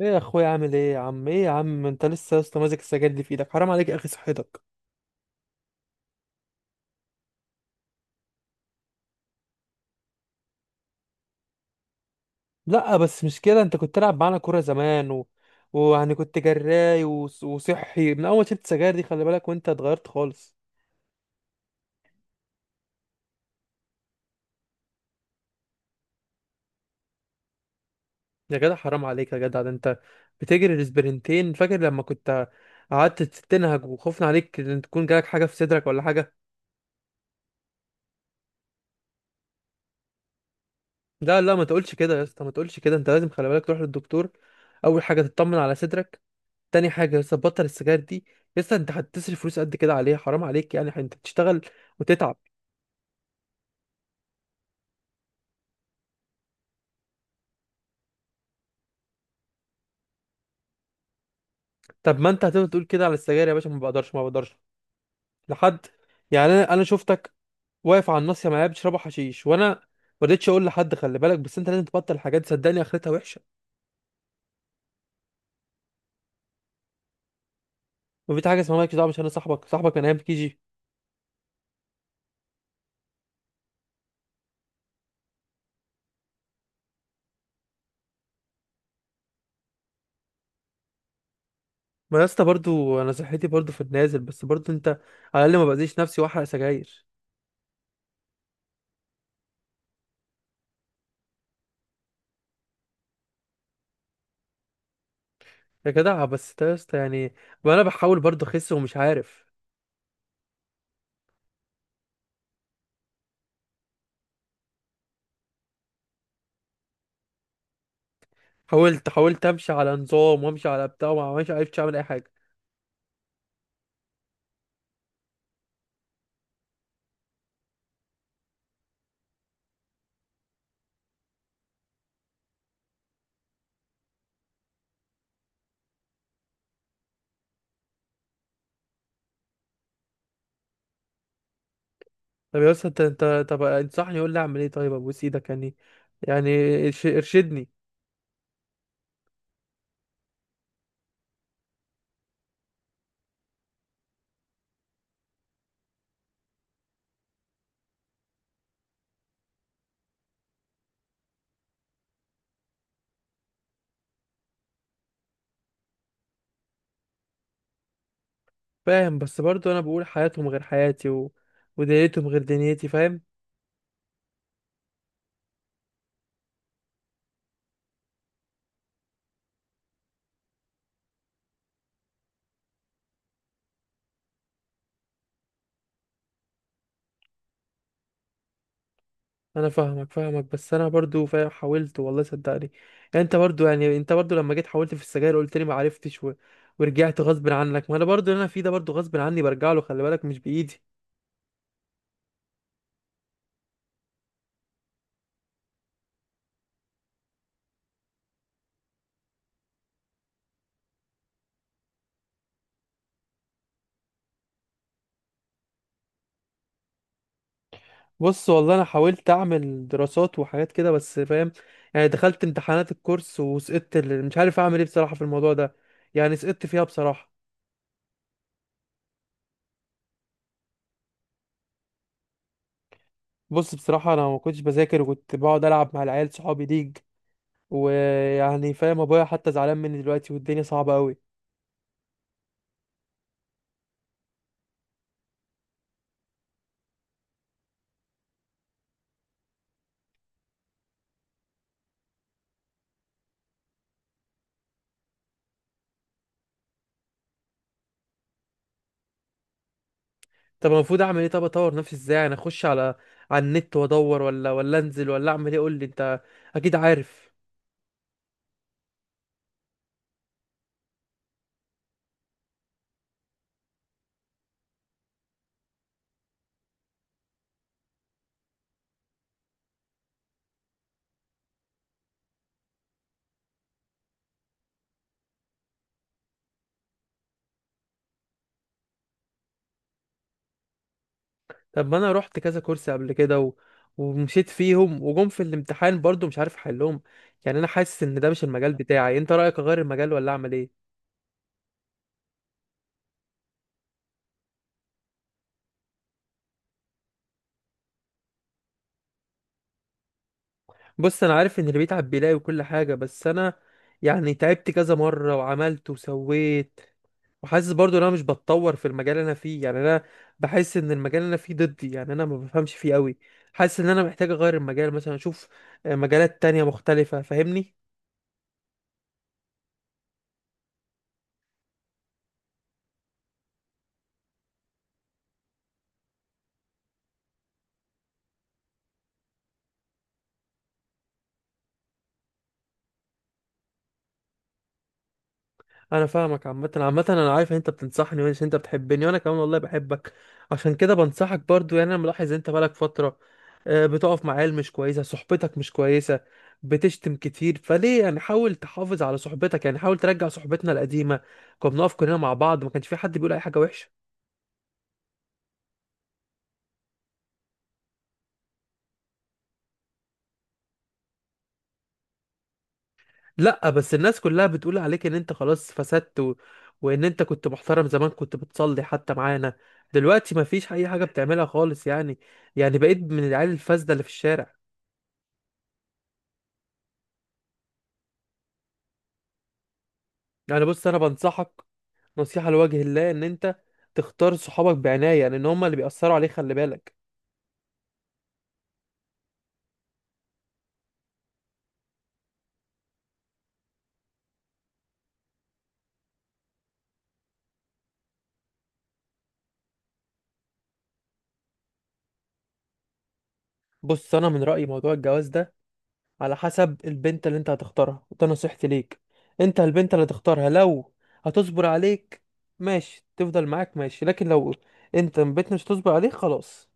ايه يا اخويا، عامل ايه يا عم؟ ايه يا عم، انت لسه يا اسطى ماسك السجاير دي في ايدك؟ حرام عليك يا اخي، صحتك. لا بس مش كده، انت كنت تلعب معانا كوره زمان ويعني كنت جراي، وصحي. من اول شفت السجاير دي خلي بالك، وانت اتغيرت خالص. يا جدع حرام عليك يا جدع، ده انت بتجري الاسبرنتين، فاكر لما كنت قعدت تنهج وخوفنا عليك ان تكون جالك حاجه في صدرك ولا حاجه؟ لا، ما تقولش كده يا اسطى، ما تقولش كده، انت لازم خلي بالك تروح للدكتور. اول حاجه تطمن على صدرك، تاني حاجة يا اسطى بطل السجاير دي. يا اسطى انت هتصرف فلوس قد كده عليها؟ حرام عليك، يعني انت بتشتغل وتتعب. طب ما انت هتفضل تقول كده على السجاير يا باشا، ما بقدرش ما بقدرش، لحد يعني انا شفتك واقف على الناصية معايا بتشربوا حشيش، وانا ما رضيتش اقول لحد. خلي بالك، بس انت لازم تبطل الحاجات دي، صدقني اخرتها وحشة. وفي حاجة اسمها مالكش دعوة؟ مش انا صاحبك، صاحبك من ايام كي جي. ما يا اسطى برضه انا صحتي برضه في النازل، بس برضه انت على الاقل ما باذيش نفسي واحرق سجاير. يا جدع بس ده يا اسطى يعني، وانا بحاول برضه اخس ومش عارف. حاولت، حاولت امشي على نظام وامشي على بتاع، وما مش عرفتش اعمل اي حاجه. طب يا اسطى انت، طب انصحني، قول لي اعمل ايه طيب، ابوس ايدك يعني. يعني ارشدني. فاهم، بس برضو انا بقول حياتهم غير حياتي ودنيتهم غير دنيتي، فاهم. انا فاهمك فاهمك، بس انا برضو فاهم، حاولت والله صدقني. يعني انت برضو، يعني انت برضو لما جيت حاولت في السجاير قلت لي ما عرفتش ورجعت غصب عنك. ما انا برضو اللي انا فيه ده برضو غصب عني، برجع له، خلي بالك مش بايدي. بص والله انا حاولت اعمل دراسات وحاجات كده، بس فاهم يعني دخلت امتحانات الكورس وسقطت مش عارف اعمل ايه بصراحة في الموضوع ده، يعني سقطت فيها بصراحة. بص بصراحة انا ما كنتش بذاكر، وكنت بقعد العب مع العيال صحابي ليج، ويعني فاهم ابويا حتى زعلان مني دلوقتي، والدنيا صعبة قوي. طب المفروض اعمل ايه؟ طب اطور نفسي ازاي؟ يعني اخش على على النت وادور؟ ولا انزل؟ ولا اعمل ايه؟ قول لي انت اكيد عارف. طب ما انا رحت كذا كورس قبل كده ومشيت فيهم وجم في الامتحان برضو مش عارف احلهم. يعني انا حاسس ان ده مش المجال بتاعي، انت رأيك اغير المجال ولا اعمل ايه؟ بص انا عارف ان اللي بيتعب بيلاقي وكل حاجة، بس انا يعني تعبت كذا مرة وعملت وسويت، وحاسس برضو ان انا مش بتطور في المجال اللي انا فيه، يعني انا بحس ان المجال اللي انا فيه ضدي، يعني انا ما بفهمش فيه قوي. حاسس ان انا محتاج اغير المجال، مثلا اشوف آه، مجالات تانية مختلفة، فاهمني. انا فاهمك، عامه عامه انا عارف ان انت بتنصحني وان انت بتحبني، وانا كمان والله بحبك، عشان كده بنصحك برضو. يعني انا ملاحظ انت بقالك فتره آه، بتقف مع عيال مش كويسه، صحبتك مش كويسه، بتشتم كتير، فليه يعني؟ حاول تحافظ على صحبتك، يعني حاول ترجع صحبتنا القديمه، كنا بنقف كلنا مع بعض، ما كانش في حد بيقول اي حاجه وحشه. لا بس الناس كلها بتقول عليك ان انت خلاص فسدت وان انت كنت محترم زمان، كنت بتصلي حتى معانا، دلوقتي ما فيش اي حاجه بتعملها خالص، يعني يعني بقيت من العيال الفاسده اللي في الشارع. يعني بص انا بنصحك نصيحة لوجه الله، ان انت تختار صحابك بعناية، لان هما اللي بيأثروا عليك، خلي بالك. بص انا من رأيي موضوع الجواز ده على حسب البنت اللي انت هتختارها، وده نصيحتي ليك. انت البنت اللي هتختارها لو هتصبر عليك ماشي، تفضل معاك ماشي، لكن لو انت البنت مش هتصبر عليك خلاص.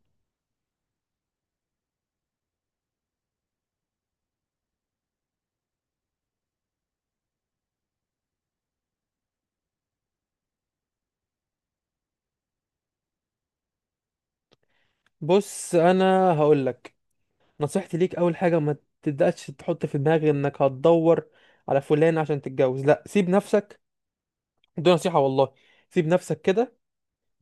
بص انا هقولك نصيحتي ليك، اول حاجة ما تبدأش تحط في دماغك انك هتدور على فلان عشان تتجوز، لا، سيب نفسك، دي نصيحة والله. سيب نفسك كده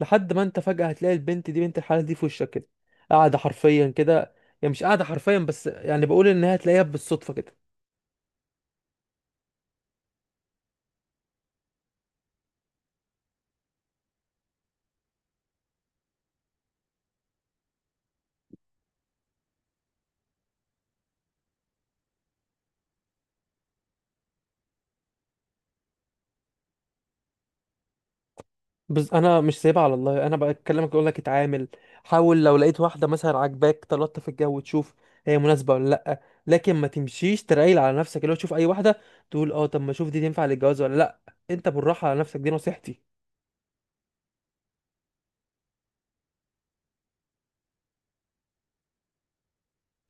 لحد ما انت فجأة هتلاقي البنت دي، بنت الحلال دي، في وشك كده، قاعدة حرفيا كده، يعني مش قاعدة حرفيا، بس يعني بقول ان هي هتلاقيها بالصدفة كده. بس انا مش سايبها على الله، انا بكلمك اقول لك اتعامل. حاول لو لقيت واحدة مثلا عاجباك تلطف في الجو وتشوف هي مناسبة ولا لا، لكن ما تمشيش ترايل على نفسك، اللي هو تشوف اي واحدة تقول اه طب ما اشوف دي تنفع للجواز ولا لا، انت بالراحة على نفسك، دي نصيحتي.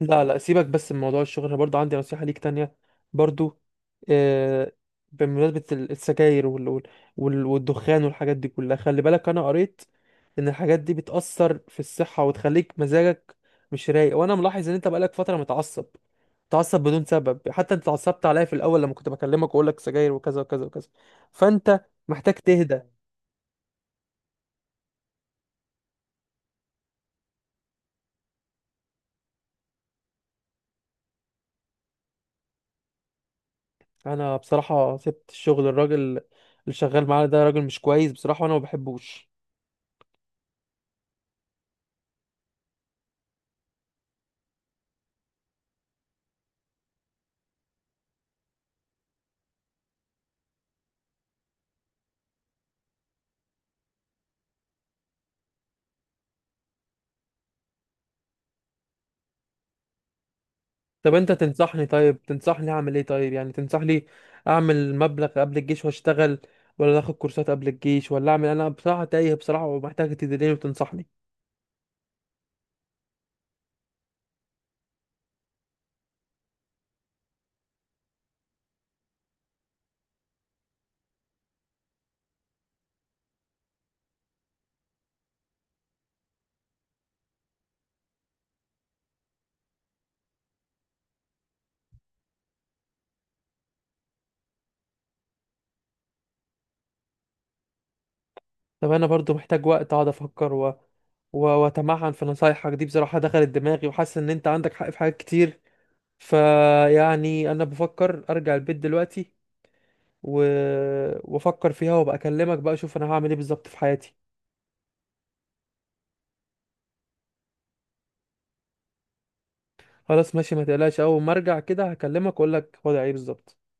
لا، سيبك بس من موضوع الشغل، أنا برضو عندي نصيحة ليك تانية، برضو آه، بمناسبة السجاير والدخان والحاجات دي كلها، خلي بالك، أنا قريت إن الحاجات دي بتأثر في الصحة وتخليك مزاجك مش رايق، وأنا ملاحظ إن أنت بقالك فترة متعصب، متعصب بدون سبب، حتى أنت اتعصبت عليا في الأول لما كنت بكلمك وأقول لك سجاير وكذا وكذا وكذا، فأنت محتاج تهدى. أنا بصراحة سبت الشغل، الراجل اللي شغال معانا ده راجل مش كويس بصراحة، وأنا ما بحبوش. طب انت تنصحني، طيب تنصحني اعمل ايه طيب، يعني تنصحني اعمل مبلغ قبل الجيش واشتغل، ولا اخد كورسات قبل الجيش، ولا اعمل؟ انا بصراحة تايه بصراحة، ومحتاج تدليني وتنصحني. طب انا برضو محتاج وقت اقعد افكر واتمعن في نصايحك دي، بصراحة دخلت دماغي وحاسس ان انت عندك حق في حاجات كتير، فيعني انا بفكر ارجع البيت دلوقتي و... وافكر فيها وابقى اكلمك بقى اشوف انا هعمل ايه بالظبط في حياتي. خلاص ماشي ما تقلقش، اول ما ارجع كده هكلمك واقول لك وضعي ايه بالظبط.